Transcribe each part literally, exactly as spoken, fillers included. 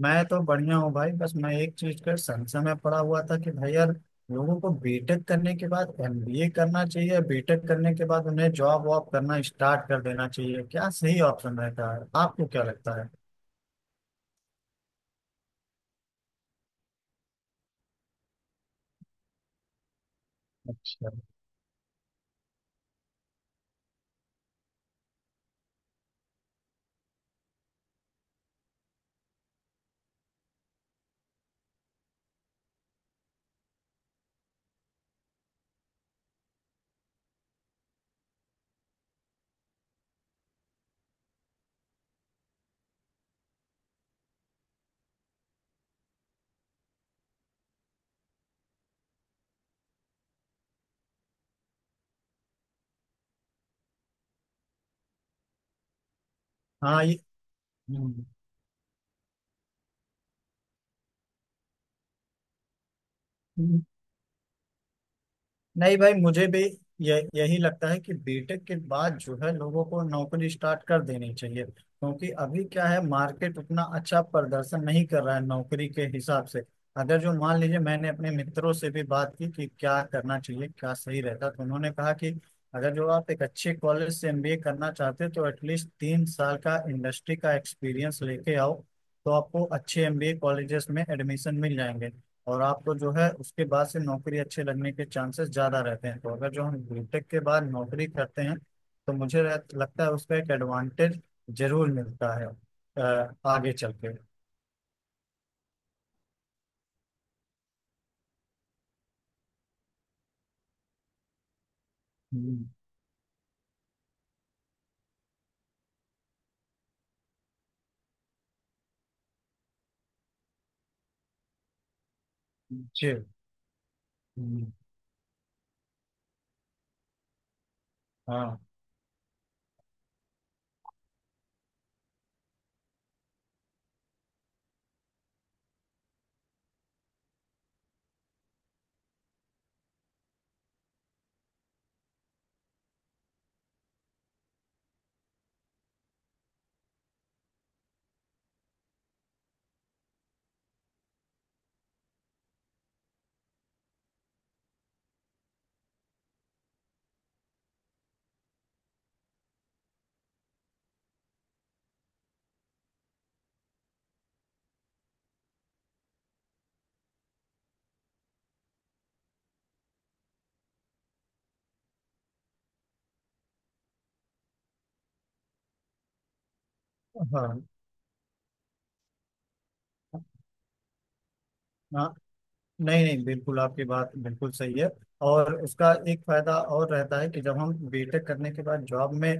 मैं तो बढ़िया हूँ भाई। बस मैं एक चीज का संशय में पड़ा हुआ था कि भाई यार लोगों को बीटेक करने के बाद एमबीए करना चाहिए, बीटेक करने के बाद उन्हें जॉब वॉब करना स्टार्ट कर देना चाहिए? क्या सही ऑप्शन रहता है, आपको क्या लगता है? अच्छा। हाँ ये। हम्म। नहीं भाई, मुझे भी ये, यही लगता है कि बीटेक के बाद जो है लोगों को नौकरी स्टार्ट कर देनी चाहिए, क्योंकि अभी क्या है, मार्केट उतना अच्छा प्रदर्शन नहीं कर रहा है नौकरी के हिसाब से। अगर जो मान लीजिए, मैंने अपने मित्रों से भी बात की कि क्या करना चाहिए, क्या सही रहता, तो उन्होंने कहा कि अगर जो आप एक अच्छे कॉलेज से एमबीए करना चाहते हो तो एटलीस्ट तीन साल का इंडस्ट्री का एक्सपीरियंस लेके आओ, तो आपको अच्छे एमबीए कॉलेजेस में एडमिशन मिल जाएंगे। और आपको जो है उसके बाद से नौकरी अच्छे लगने के चांसेस ज्यादा रहते हैं। तो अगर जो हम बीटेक के बाद नौकरी करते हैं तो मुझे रह- लगता है उसका एक एडवांटेज जरूर मिलता है अ, आगे चल के। हम्म। जी। हम्म। हाँ। हाँ। हाँ। नहीं नहीं, बिल्कुल आपकी बात बिल्कुल सही है। और उसका एक फायदा और रहता है कि जब हम बीटेक करने के बाद जॉब में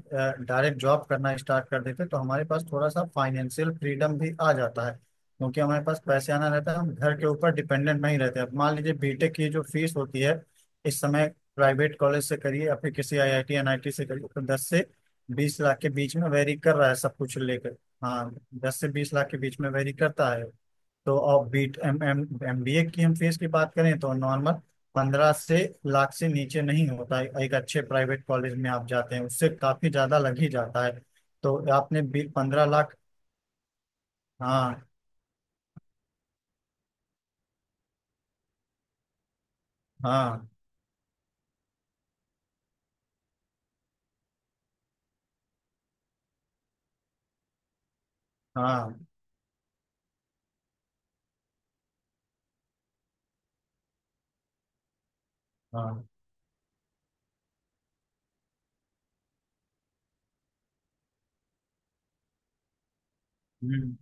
डायरेक्ट जॉब करना स्टार्ट कर देते हैं, तो हमारे पास थोड़ा सा फाइनेंशियल फ्रीडम भी आ जाता है, क्योंकि हमारे पास पैसे आना रहता है, हम घर के ऊपर डिपेंडेंट नहीं रहते। अब मान लीजिए, बीटेक की जो फीस होती है इस समय, प्राइवेट कॉलेज से करिए या फिर किसी आईआईटी एनआईटी से करिए, तो दस से बीस लाख के बीच में वेरी कर रहा है सब कुछ लेकर। हाँ। दस से बीस लाख के बीच में वेरी करता है। तो और B M M M B A की हम फीस की बात करें तो नॉर्मल पंद्रह से लाख से नीचे नहीं होता है, एक अच्छे प्राइवेट कॉलेज में आप जाते हैं उससे काफी ज्यादा लग ही जाता है। तो आपने बी पंद्रह लाख। हाँ। हाँ। हाँ। हाँ। हम्म।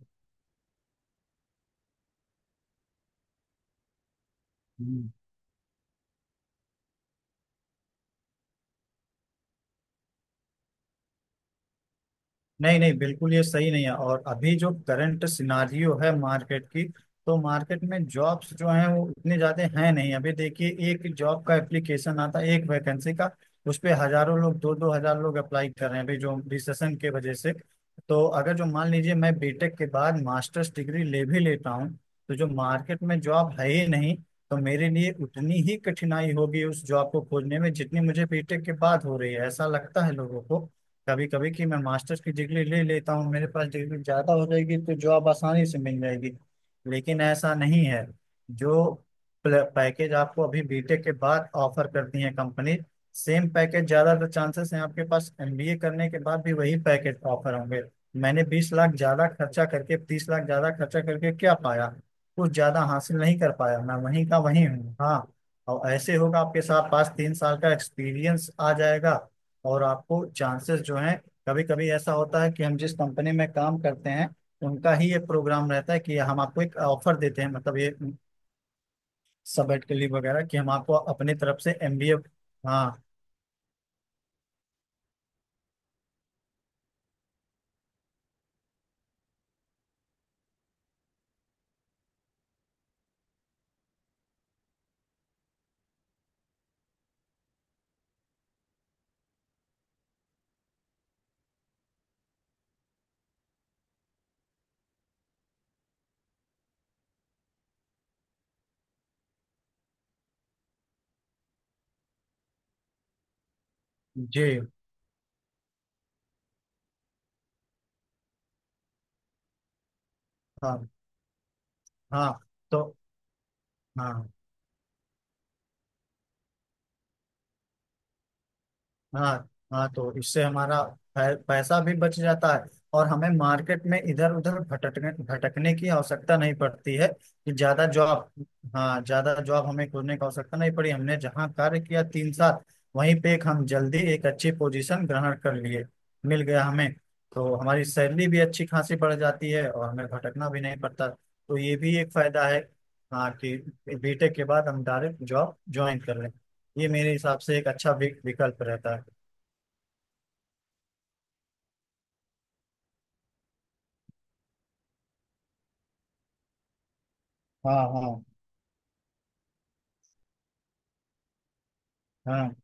हम्म। नहीं नहीं, बिल्कुल ये सही नहीं है। और अभी जो करंट सिनारियो है मार्केट की, तो मार्केट में जॉब्स जो हैं वो इतने ज्यादा हैं नहीं। अभी देखिए, एक जॉब का एप्लीकेशन आता है एक वैकेंसी का, उस पे हजारों लोग, दो दो हजार लोग अप्लाई कर रहे हैं अभी जो रिसेशन के वजह से। तो अगर जो मान लीजिए मैं बीटेक के बाद मास्टर्स डिग्री ले भी लेता हूँ, तो जो मार्केट में जॉब है ही नहीं, तो मेरे लिए उतनी ही कठिनाई होगी उस जॉब को खोजने में जितनी मुझे बीटेक के बाद हो रही है। ऐसा लगता है लोगों को कभी कभी कि मैं मास्टर्स की डिग्री ले लेता हूँ, मेरे पास डिग्री ज्यादा हो जाएगी तो जॉब आसानी से मिल जाएगी, लेकिन ऐसा नहीं है। जो पैकेज आपको अभी बीटेक के बाद ऑफर करती है कंपनी, सेम पैकेज ज्यादातर चांसेस हैं आपके पास एमबीए करने के बाद भी वही पैकेज ऑफर होंगे। मैंने बीस लाख ज्यादा खर्चा करके, तीस लाख ज्यादा खर्चा करके क्या पाया? कुछ ज्यादा हासिल नहीं कर पाया, मैं वहीं का वहीं हूँ। हाँ। और ऐसे होगा, आपके साथ पास तीन साल का एक्सपीरियंस आ जाएगा, और आपको चांसेस जो हैं, कभी कभी ऐसा होता है कि हम जिस कंपनी में काम करते हैं उनका ही ये प्रोग्राम रहता है कि हम आपको एक ऑफर देते हैं, मतलब ये सबेट के लिए वगैरह, कि हम आपको अपनी तरफ से एमबीए। हाँ। जी। हाँ। हाँ। तो। हाँ। हाँ। हाँ, तो इससे हमारा पै- पैसा भी बच जाता है, और हमें मार्केट में इधर उधर भटकने भटकने की आवश्यकता नहीं पड़ती है कि ज्यादा जॉब। हाँ, ज्यादा जॉब हमें खोजने की आवश्यकता नहीं पड़ी, हमने जहाँ कार्य किया तीन साल, वहीं पे एक हम जल्दी एक अच्छी पोजीशन ग्रहण कर लिए। मिल गया हमें। तो हमारी सैलरी भी अच्छी खासी बढ़ जाती है और हमें भटकना भी नहीं पड़ता, तो ये भी एक फायदा है। हाँ, कि बीटेक के बाद हम डायरेक्ट जॉब ज्वाइन कर लें। ये मेरे हिसाब से एक अच्छा वि- विकल्प रहता है। हाँ। हाँ। हाँ।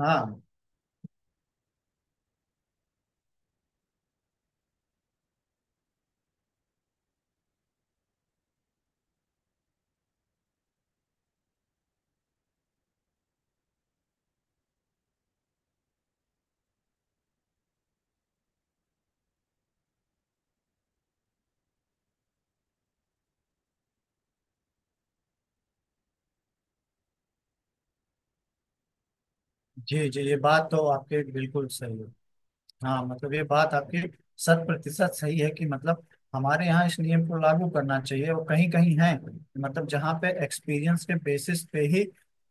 हाँ। जी जी, ये बात तो आपके बिल्कुल सही है। हाँ, मतलब ये बात आपकी शत प्रतिशत सही है कि मतलब हमारे यहाँ इस नियम को लागू करना चाहिए, और कहीं कहीं है, मतलब जहाँ पे एक्सपीरियंस के बेसिस पे ही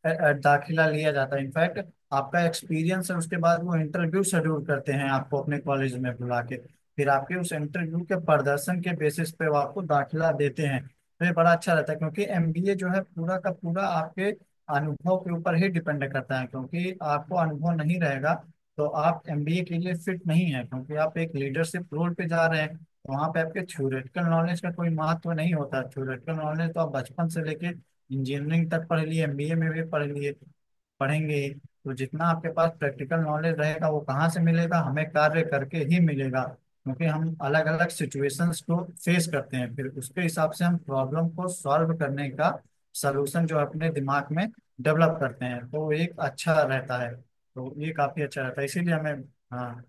अ, अ, दाखिला लिया जाता है। इनफैक्ट आपका एक्सपीरियंस है, उसके बाद वो इंटरव्यू शेड्यूल करते हैं आपको अपने कॉलेज में बुला के, फिर आपके उस इंटरव्यू के प्रदर्शन के बेसिस पे वो आपको दाखिला देते हैं। तो ये बड़ा अच्छा रहता है, क्योंकि एमबीए जो है पूरा का पूरा आपके अनुभव के ऊपर ही डिपेंड करता है। क्योंकि आपको अनुभव नहीं रहेगा तो आप एमबीए के लिए फिट नहीं है, क्योंकि आप एक लीडरशिप रोल पे जा रहे हैं, वहां पे आपके थ्योरेटिकल नॉलेज का कोई महत्व नहीं होता। थ्योरेटिकल नॉलेज तो आप बचपन से लेके इंजीनियरिंग तक पढ़ लिए, एमबीए में भी पढ़ लिए, पढ़ेंगे ही। तो जितना आपके पास प्रैक्टिकल नॉलेज रहेगा, वो कहाँ से मिलेगा? हमें कार्य करके ही मिलेगा, क्योंकि हम अलग अलग सिचुएशंस को फेस करते हैं, फिर उसके हिसाब से हम प्रॉब्लम को सॉल्व करने का सलूशन जो है अपने दिमाग में डेवलप करते हैं, तो एक अच्छा रहता है। तो ये काफी अच्छा रहता है, तो इसीलिए हमें। हाँ।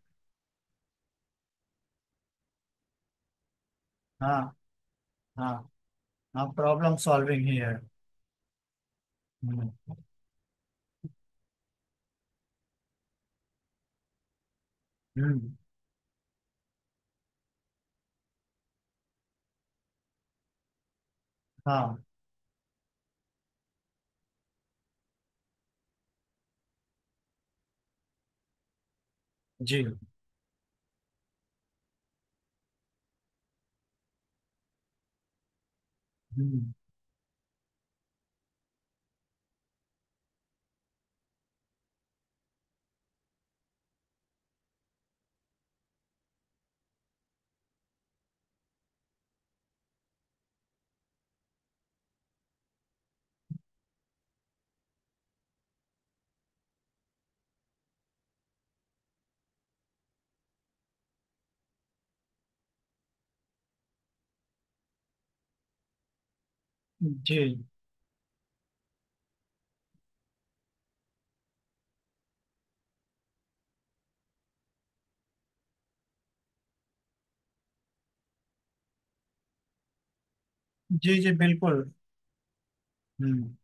हाँ। हाँ। हाँ, प्रॉब्लम सॉल्विंग ही है। हम्म। हम्म, हाँ। जी। हम्म। जी। जी जी बिल्कुल। हम्म।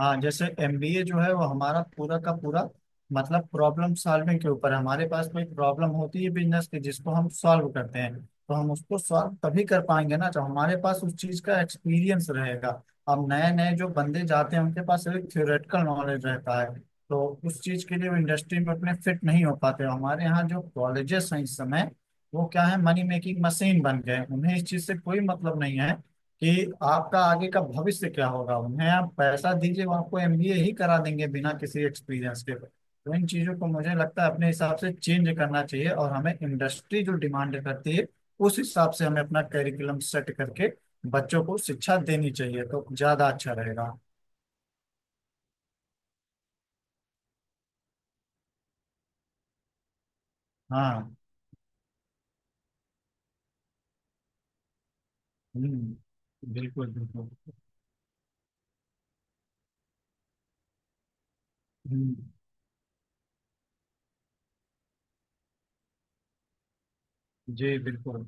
हाँ, जैसे एमबीए जो है वो हमारा पूरा का पूरा मतलब प्रॉब्लम सॉल्विंग के ऊपर है। हमारे पास कोई प्रॉब्लम होती है बिजनेस की जिसको हम सॉल्व करते हैं, तो हम उसको सॉल्व तभी कर पाएंगे ना जब हमारे पास उस चीज का एक्सपीरियंस रहेगा। अब नए नए जो बंदे जाते हैं उनके पास सिर्फ थ्योरेटिकल नॉलेज रहता है, तो उस चीज के लिए वो इंडस्ट्री में अपने फिट नहीं हो पाते। हमारे यहाँ जो कॉलेजेस हैं इस समय, वो क्या है, मनी मेकिंग मशीन बन गए हैं। उन्हें इस चीज से कोई मतलब नहीं है कि आपका आगे का भविष्य क्या होगा, उन्हें आप पैसा दीजिए वो आपको एमबीए ही करा देंगे बिना किसी एक्सपीरियंस के। तो इन चीजों को मुझे लगता है अपने हिसाब से चेंज करना चाहिए, और हमें इंडस्ट्री जो डिमांड करती है उस हिसाब से हमें अपना करिकुलम सेट करके बच्चों को शिक्षा देनी चाहिए, तो ज्यादा अच्छा रहेगा। हाँ। हम्म, बिल्कुल बिल्कुल। हम्म। जी बिल्कुल।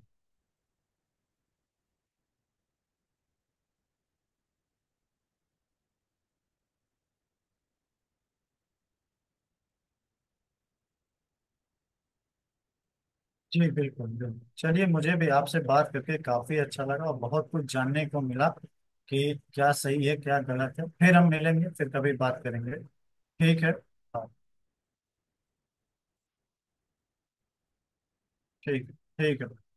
जी बिल्कुल बिल्कुल, चलिए मुझे भी आपसे बात करके काफी अच्छा लगा और बहुत कुछ जानने को मिला कि क्या सही है क्या गलत है। फिर हम मिलेंगे, फिर कभी बात करेंगे। ठीक है। हाँ। ठीक है, ठीक है।